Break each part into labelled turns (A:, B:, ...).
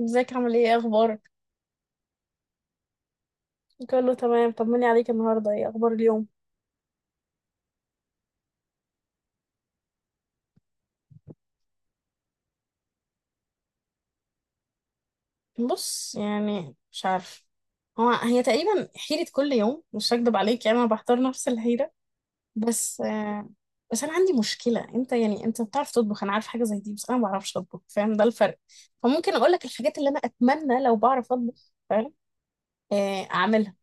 A: ازيك؟ عامل ايه اخبارك؟ كله تمام، طمني عليك. النهارده ايه اخبار اليوم؟ بص، يعني مش عارف. هي تقريبا حيرة كل يوم، مش هكدب عليك، يعني انا بحضر نفس الحيرة. بس آه بس انا عندي مشكلة. انت بتعرف تطبخ، انا عارف حاجة زي دي، بس انا ما بعرفش اطبخ، فاهم ده الفرق. فممكن اقول لك الحاجات اللي انا اتمنى لو بعرف اطبخ، فاهم. آه، اعملها.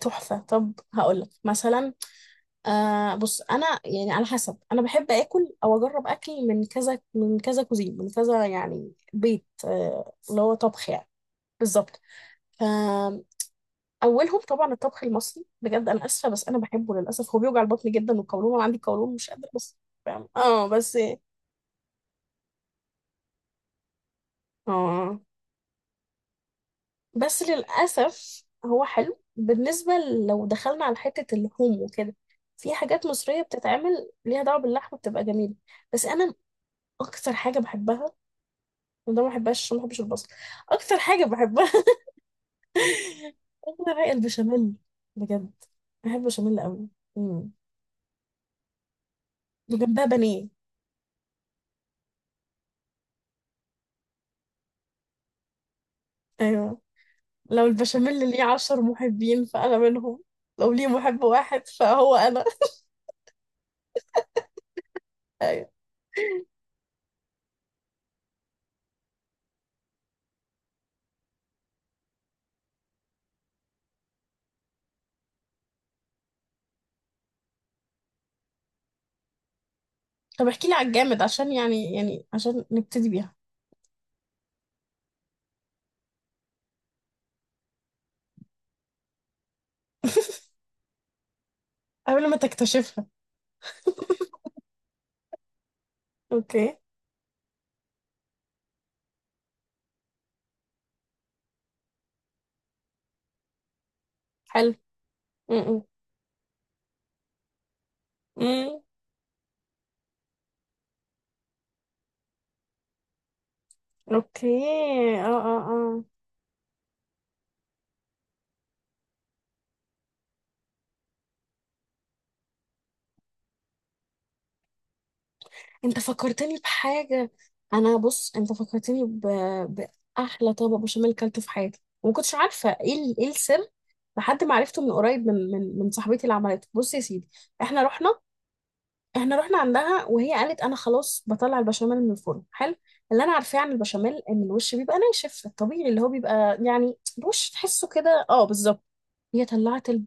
A: تحفة. طب هقول لك مثلا. بص، انا يعني على حسب، انا بحب اكل او اجرب اكل من كذا، من كذا كوزين، من كذا، يعني بيت، اللي هو طبخ يعني. بالظبط، فاولهم طبعا الطبخ المصري، بجد انا اسفه بس انا بحبه. للاسف هو بيوجع البطن جدا والقولون، انا عندي قولون مش قادره، بس فاهم. اه، بس. اه للاسف هو حلو بالنسبه، لو دخلنا على حته اللحوم وكده، في حاجات مصريه بتتعمل ليها دعوه باللحمه بتبقى جميله. بس انا اكتر حاجه بحبها، ده ما بحبهاش عشان ما بحبش البصل. اكتر حاجه بحبها اكتر حاجه البشاميل، بجد، بحب البشاميل قوي. امم وجنبها بانيه. ايوه، لو البشاميل اللي ليه 10 محبين فانا منهم، لو ليه محب واحد فهو انا. ايوه. طب احكي لي على الجامد، عشان يعني عشان نبتدي بيها. قبل ما تكتشفها. اوكي، حلو. م- م. م. اوكي. اه اه آه. انت فكرتني بحاجة. انا بص، انت فكرتني بأحلى طبق بشاميل كلته في حياتي، وما كنتش عارفة ايه ايه السر، لحد ما عرفته من قريب، من صاحبتي اللي عملته. بص يا سيدي، احنا رحنا احنا رحنا عندها وهي قالت انا خلاص بطلع البشاميل من الفرن. حلو. اللي انا عارفاه عن البشاميل ان الوش بيبقى ناشف، الطبيعي اللي هو بيبقى يعني الوش تحسه كده. اه، بالظبط. هي طلعت ال...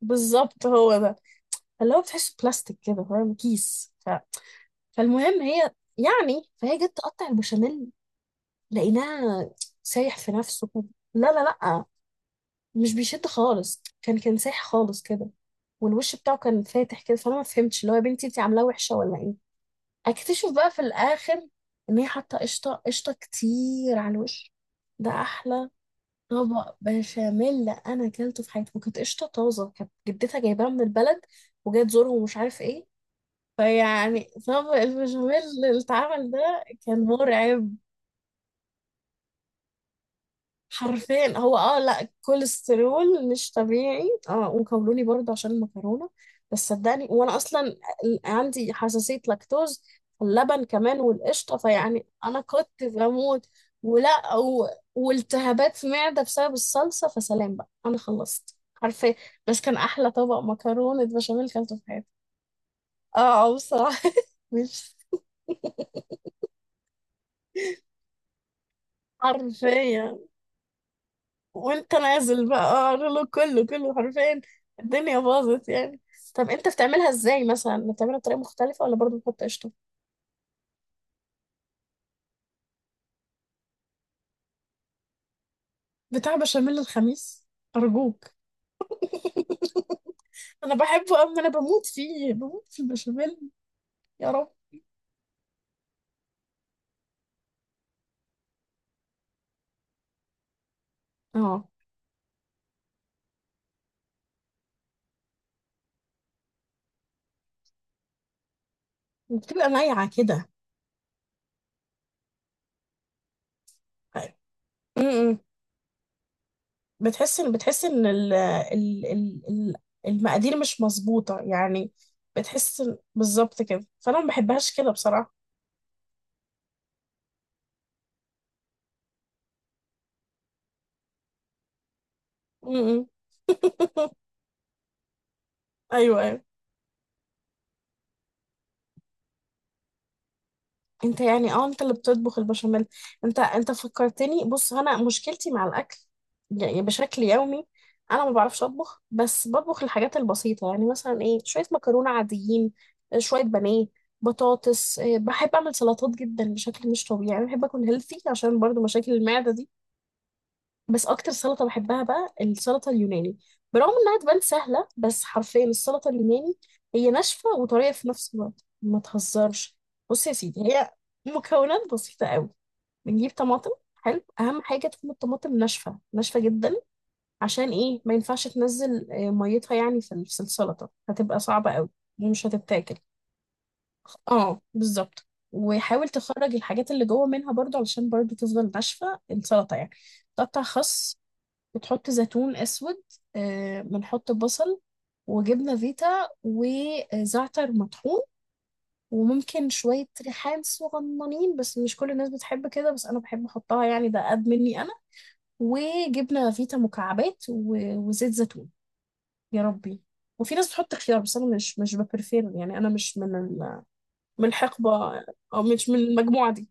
A: بالظبط، هو ده اللي هو بتحسه بلاستيك كده، فاهم، كيس. فالمهم هي، يعني فهي جت تقطع البشاميل، لقيناها سايح في نفسه كده. لا لا لا، مش بيشد خالص، كان سايح خالص كده. والوش بتاعه كان فاتح كده، فانا ما فهمتش، اللي هو يا بنتي انت عاملاه وحشه ولا ايه. اكتشف بقى في الاخر ان هي حاطه قشطه قشطه كتير على الوش. ده احلى طبق بشاميل انا اكلته في حياتي، وكانت قشطه طازه، كانت جدتها جايباها من البلد وجايه تزورهم ومش عارف ايه. فيعني طبق البشاميل اللي اتعمل ده كان مرعب. حرفيا هو، اه، لا كوليسترول مش طبيعي، اه، وقولوني برضه عشان المكرونة. بس صدقني، وانا اصلا عندي حساسية لاكتوز، اللبن كمان والقشطة، فيعني انا كنت بموت. ولا و... والتهابات معدة بسبب الصلصة، فسلام بقى، انا خلصت حرفيا. بس كان احلى طبق مكرونة بشاميل كلته في حياتي. اه، بصراحة مش حرفيا. وانت نازل بقى اقرا له، كله كله حرفيا، الدنيا باظت يعني. طب انت بتعملها ازاي؟ مثلا بتعملها بطريقه مختلفه ولا برضو بتحط قشطه؟ بتاع بشاميل الخميس؟ ارجوك. انا بحبه قوي، انا بموت فيه، بموت في البشاميل. يا رب. اه. وبتبقى مايعه كده. م-م. بتحس ان المقادير مش مظبوطه يعني. بالظبط كده، فانا ما بحبهاش كده بصراحه. م-م. ايوه، ايوه. انت يعني، اه، انت اللي بتطبخ البشاميل. انت فكرتني. بص، انا مشكلتي مع الاكل يعني بشكل يومي. انا ما بعرفش اطبخ، بس بطبخ الحاجات البسيطه، يعني مثلا ايه، شويه مكرونه عاديين، شويه بانيه، بطاطس، بحب اعمل سلطات جدا بشكل مش طبيعي. يعني بحب اكون هيلثي عشان برضو مشاكل المعده دي. بس اكتر سلطه بحبها بقى السلطه اليوناني، برغم انها تبان سهله، بس حرفيا السلطه اليوناني، هي ناشفه وطريه في نفس الوقت، ما تهزرش. بص يا سيدي، هي مكونات بسيطه قوي. بنجيب طماطم، حلو، اهم حاجه تكون الطماطم ناشفه ناشفه جدا، عشان ايه؟ ما ينفعش تنزل ميتها يعني، في السلطه، هتبقى صعبه قوي ومش هتتاكل. اه، بالظبط. وحاول تخرج الحاجات اللي جوه منها، برضو علشان برضو تفضل ناشفه السلطه يعني. تقطع خس، بتحط زيتون اسود، بنحط بصل وجبنه فيتا وزعتر مطحون. وممكن شويه ريحان صغننين، بس مش كل الناس بتحب كده، بس انا بحب احطها يعني، ده قد مني انا. وجبنه فيتا مكعبات، وزيت زيتون. يا ربي. وفي ناس بتحط خيار، بس انا مش ببرفير يعني، انا مش من من الحقبه، او مش من المجموعه دي.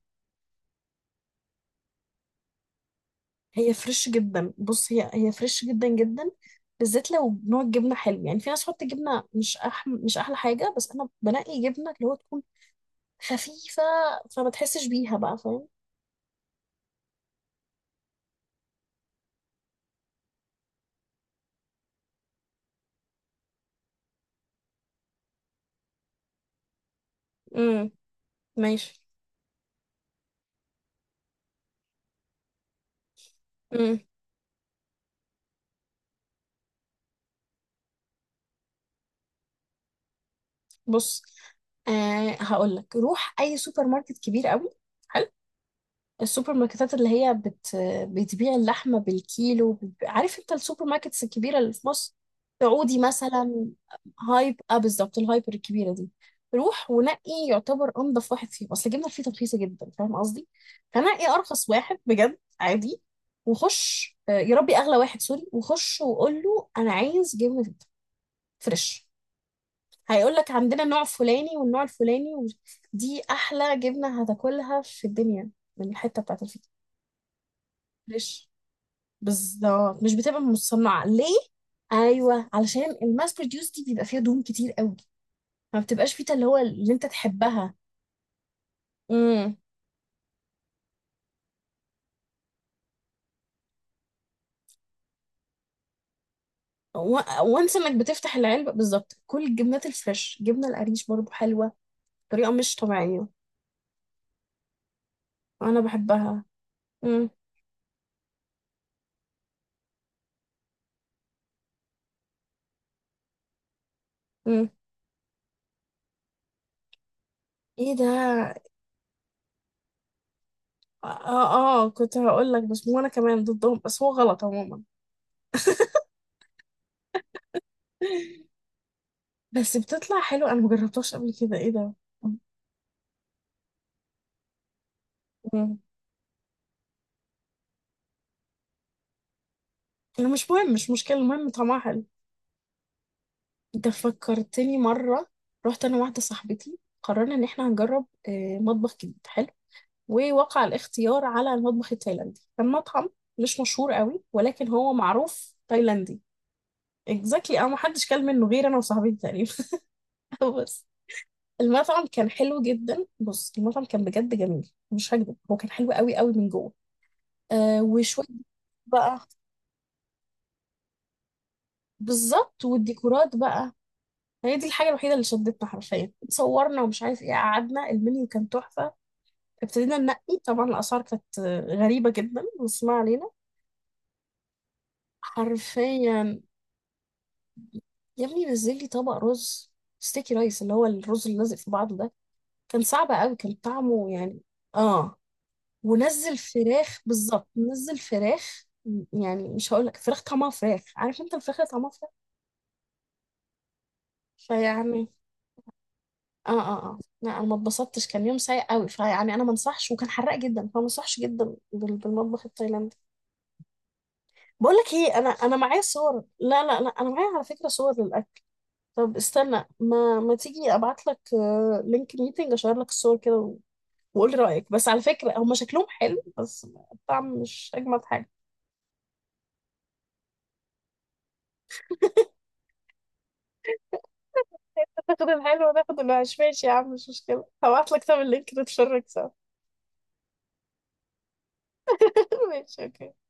A: هي فريش جدا، بص هي فريش جدا جدا، بالذات لو نوع الجبنه حلو. يعني في ناس تحط جبنه مش احلى حاجه، بس انا بنقي جبنه اللي هو تكون خفيفه، فما تحسش بيها بقى، فاهم. امم، ماشي. امم. بص، هقول لك، روح اي سوبر ماركت كبير قوي، حلو. السوبر ماركتات اللي هي بت... بتبيع اللحمه بالكيلو. عارف انت السوبر ماركتس الكبيره اللي في مصر، سعودي مثلا. هايب اه بالظبط، الهايبر الكبيره دي. روح ونقي يعتبر انضف واحد فيهم، اصل الجبنه الفيتا رخيصه جدا، فاهم قصدي. فنقي ارخص واحد، بجد عادي. وخش، يا ربي، اغلى واحد سوري، وخش وقول له انا عايز جبنه فيتا فريش. هيقول لك عندنا النوع الفلاني والنوع الفلاني دي احلى جبنه هتاكلها في الدنيا، من الحته بتاعت الفيتا فريش. بالظبط، مش بتبقى مصنعه ليه. ايوه، علشان الماس بروديوس دي بيبقى فيها دهون كتير قوي، ما بتبقاش فيتا اللي هو اللي انت تحبها. امم. وانس انك بتفتح العلبة، بالظبط، كل الجبنات الفريش، جبنة القريش برضو حلوة بطريقة مش طبيعية، انا بحبها. امم. امم. ايه ده. اه، اه، كنت هقول لك، بس مو انا كمان ضدهم، بس هو غلط عموما. بس بتطلع حلو، انا مجربتهاش قبل كده. ايه ده. امم. انا مش مهم، مش مشكلة، المهم طعمها حلو. انت فكرتني مرة، رحت انا واحدة صاحبتي، قررنا ان احنا هنجرب مطبخ جديد حلو. ووقع الاختيار على المطبخ التايلاندي، كان مطعم مش مشهور قوي ولكن هو معروف تايلاندي. اكزاكتلي، انا محدش كل منه غير انا وصاحبتي تقريبا بس المطعم كان حلو جدا، بص، المطعم كان بجد جميل، مش هكذب، هو كان حلو قوي قوي من جوه. وشوية بقى، بالظبط. والديكورات بقى هي دي الحاجة الوحيدة اللي شدتنا حرفيا، صورنا ومش عارف ايه، قعدنا، المنيو كان تحفة، ابتدينا ننقي. طبعا الأسعار كانت غريبة جدا، بس ما علينا، حرفيا. يا ابني، نزل لي طبق رز ستيكي رايس، اللي هو الرز اللي لازق في بعضه ده، كان صعب قوي، كان طعمه يعني، اه. ونزل فراخ، بالظبط، نزل فراخ، يعني مش هقول لك فراخ طعمها فراخ، عارف انت الفراخ اللي طعمها فراخ؟ فيعني، اه لا، انا ما اتبسطتش، كان يوم سيء قوي، فيعني انا ما انصحش، وكان حراق جدا، فما انصحش جدا، بالمطبخ التايلاندي. بقول لك ايه، انا معايا صور. لا لا لا، انا معايا على فكره صور للاكل. طب استنى، ما تيجي ابعت لك لينك ميتنج اشير لك الصور كده، وقول رأيك. بس على فكرة هما شكلهم حلو، بس الطعم مش أجمد حاجة. تاخد الحلو وتاخد الوحش، ماشي يا عم، مش مشكلة. هبعتلك طب اللينك نتفرج سوا. ماشي، اوكي.